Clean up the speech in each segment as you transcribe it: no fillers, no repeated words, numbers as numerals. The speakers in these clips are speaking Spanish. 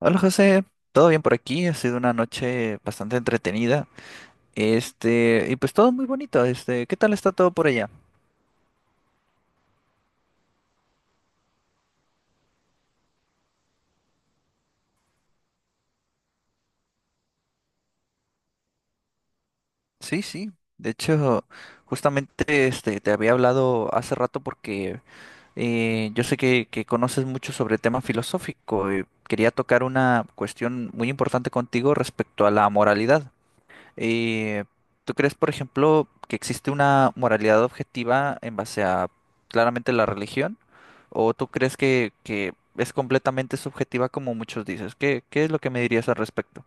Hola José, todo bien por aquí, ha sido una noche bastante entretenida. Y pues todo muy bonito. ¿Qué tal está todo por allá? Sí, sí. De hecho, justamente te había hablado hace rato porque yo sé que conoces mucho sobre tema filosófico y quería tocar una cuestión muy importante contigo respecto a la moralidad. Eh, ¿Tú crees, por ejemplo, que existe una moralidad objetiva en base a claramente la religión? ¿O tú crees que es completamente subjetiva como muchos dices? ¿Qué es lo que me dirías al respecto?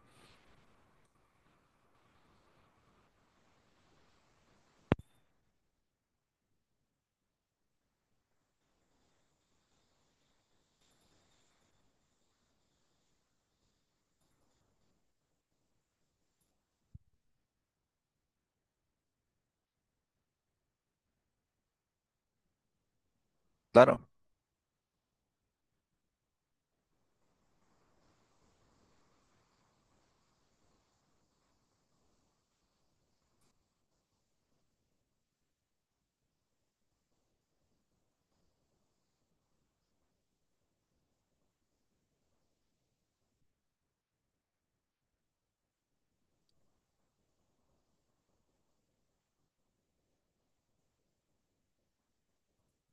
Claro,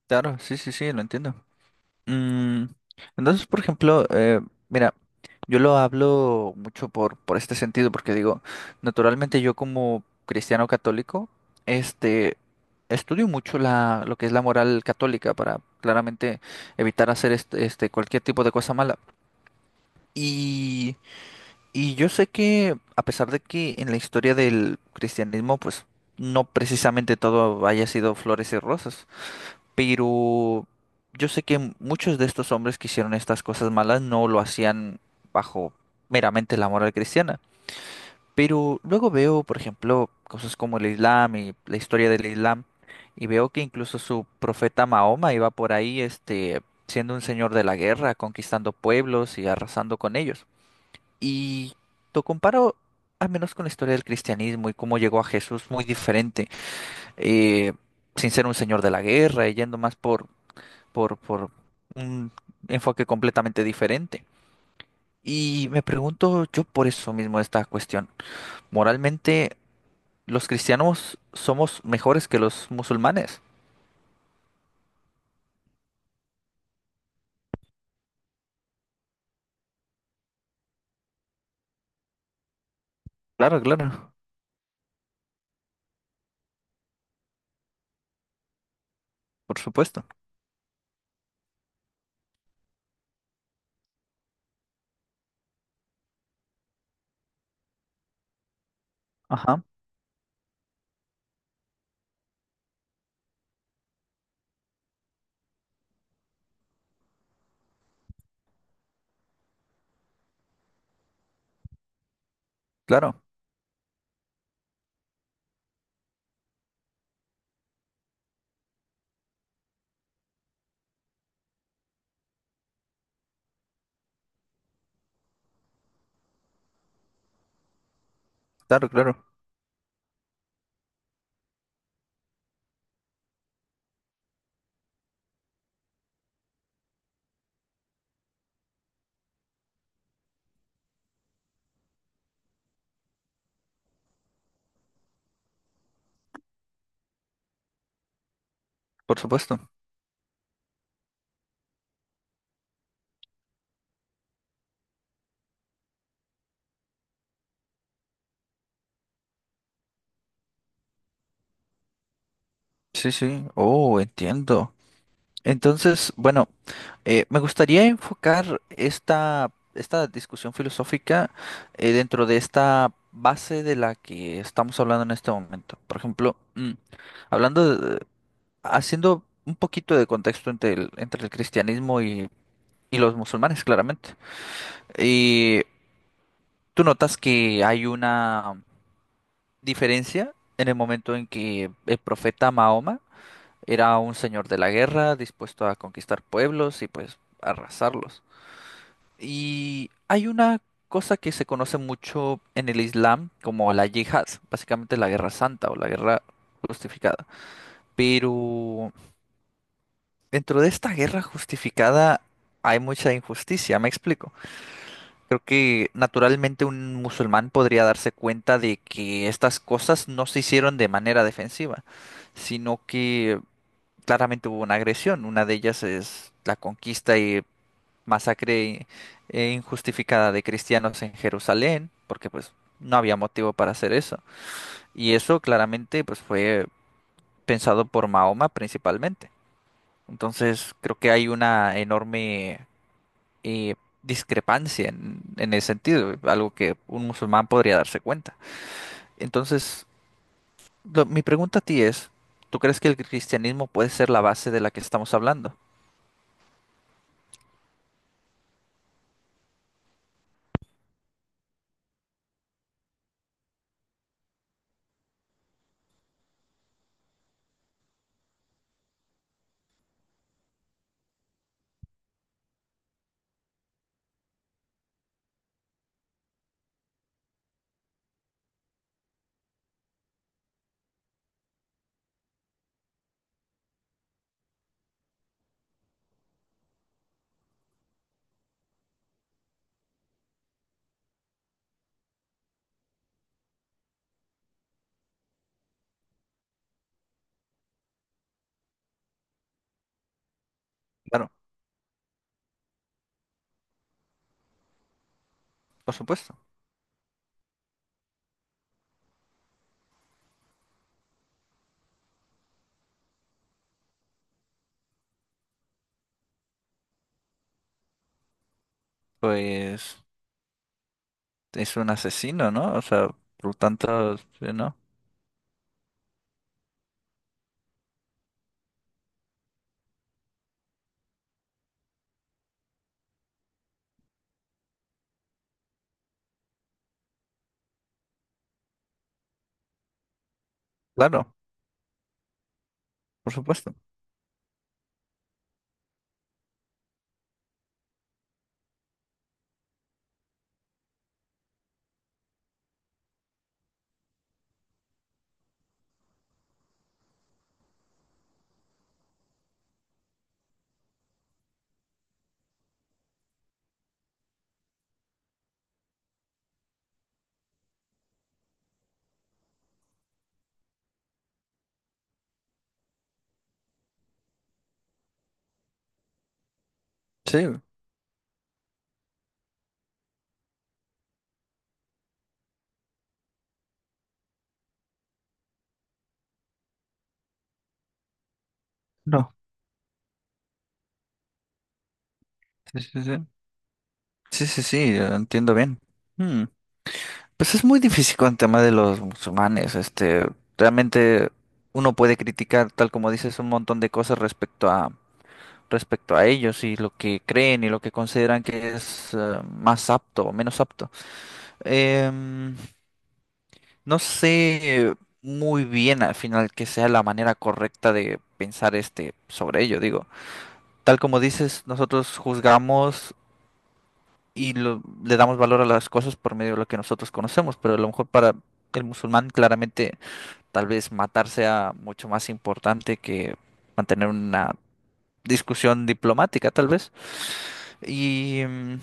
claro, sí, sí, sí, lo entiendo. Mm, entonces, por ejemplo, mira, yo lo hablo mucho por este sentido, porque digo, naturalmente yo como cristiano católico, este, estudio mucho lo que es la moral católica para claramente evitar hacer cualquier tipo de cosa mala. Y, y yo sé que, a pesar de que en la historia del cristianismo, pues, no precisamente todo haya sido flores y rosas. Pero yo sé que muchos de estos hombres que hicieron estas cosas malas no lo hacían bajo meramente la moral cristiana. Pero luego veo, por ejemplo, cosas como el Islam y la historia del Islam, y veo que incluso su profeta Mahoma iba por ahí, siendo un señor de la guerra, conquistando pueblos y arrasando con ellos. Y lo comparo al menos con la historia del cristianismo y cómo llegó a Jesús muy diferente, eh, sin ser un señor de la guerra, y yendo más por un enfoque completamente diferente. Y me pregunto yo por eso mismo esta cuestión. Moralmente, ¿los cristianos somos mejores que los musulmanes? Claro, claro, por supuesto. Ajá, claro, claro, claro, por supuesto. Sí, sí, oh, entiendo. Entonces, bueno. Me gustaría enfocar esta discusión filosófica dentro de esta base de la que estamos hablando en este momento. Por ejemplo, hablando de- haciendo un poquito de contexto entre entre el cristianismo y los musulmanes, claramente. Y tú notas que hay una diferencia en el momento en que el profeta Mahoma era un señor de la guerra, dispuesto a conquistar pueblos y pues arrasarlos. Y hay una cosa que se conoce mucho en el Islam como la yihad, básicamente la guerra santa o la guerra justificada. Pero dentro de esta guerra justificada hay mucha injusticia, me explico. Creo que naturalmente un musulmán podría darse cuenta de que estas cosas no se hicieron de manera defensiva, sino que claramente hubo una agresión. Una de ellas es la conquista y masacre injustificada de cristianos en Jerusalén, porque pues no había motivo para hacer eso. Y eso claramente pues fue pensado por Mahoma principalmente. Entonces creo que hay una enorme eh, discrepancia en ese sentido, algo que un musulmán podría darse cuenta. Entonces, mi pregunta a ti es, ¿tú crees que el cristianismo puede ser la base de la que estamos hablando? Claro, por supuesto. Pues es un asesino, ¿no? O sea, por tanto, sí, ¿no? Claro, por supuesto. Sí, no. Sí, sí, sí. Sí, sí, sí, entiendo bien. Hmm. Pues es muy difícil con el tema de los musulmanes. Realmente uno puede criticar, tal como dices, un montón de cosas respecto a ellos y lo que creen y lo que consideran que es más apto o menos apto. Em, No sé muy bien al final que sea la manera correcta de pensar sobre ello, digo. Tal como dices, nosotros juzgamos y le damos valor a las cosas por medio de lo que nosotros conocemos, pero a lo mejor para el musulmán claramente tal vez matar sea mucho más importante que mantener una discusión diplomática, tal vez. Y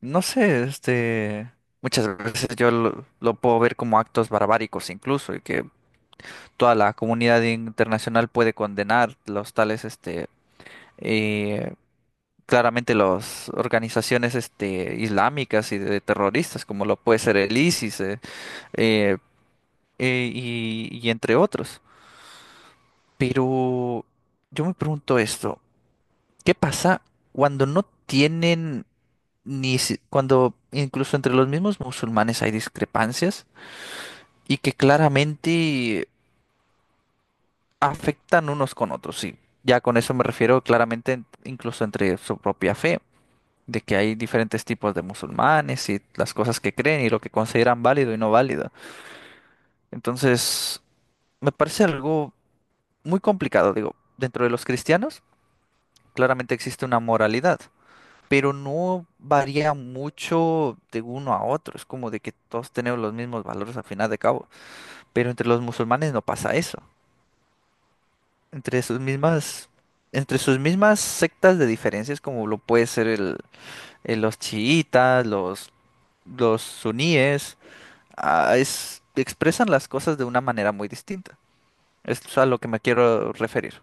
no sé, muchas veces yo lo puedo ver como actos barbáricos incluso, y que toda la comunidad internacional puede condenar los tales, eh, claramente las organizaciones, islámicas y de terroristas, como lo puede ser el ISIS, eh, y entre otros. Pero yo me pregunto esto, ¿qué pasa cuando no tienen ni si- cuando incluso entre los mismos musulmanes hay discrepancias y que claramente afectan unos con otros, sí. Ya con eso me refiero claramente incluso entre su propia fe, de que hay diferentes tipos de musulmanes y las cosas que creen y lo que consideran válido y no válido. Entonces, me parece algo muy complicado, digo, dentro de los cristianos claramente existe una moralidad, pero no varía mucho de uno a otro, es como de que todos tenemos los mismos valores al final de cabo, pero entre los musulmanes no pasa eso. Entre sus mismas, entre sus mismas sectas de diferencias, como lo puede ser los chiitas, los suníes, ah, expresan las cosas de una manera muy distinta. Es a lo que me quiero referir.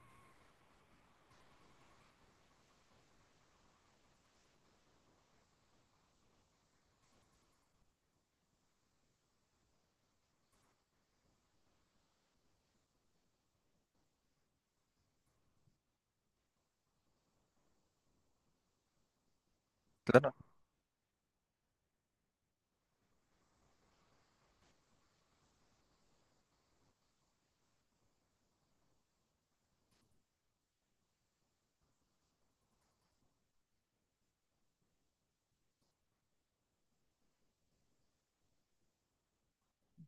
Claro.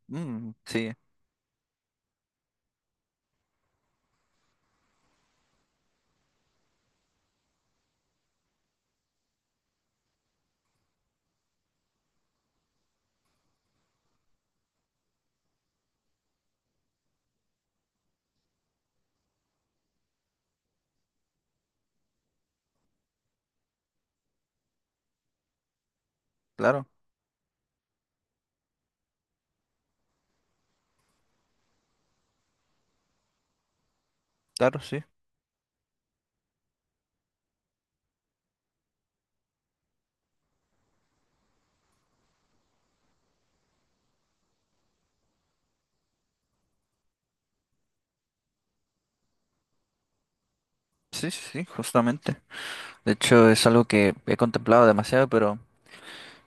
Mm, sí, claro, claro, sí. Sí, sí, sí, justamente. De hecho, es algo que he contemplado demasiado,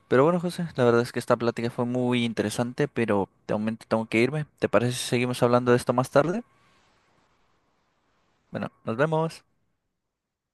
pero bueno, José, la verdad es que esta plática fue muy interesante, pero de momento tengo que irme. ¿Te parece si seguimos hablando de esto más tarde? Bueno, nos vemos.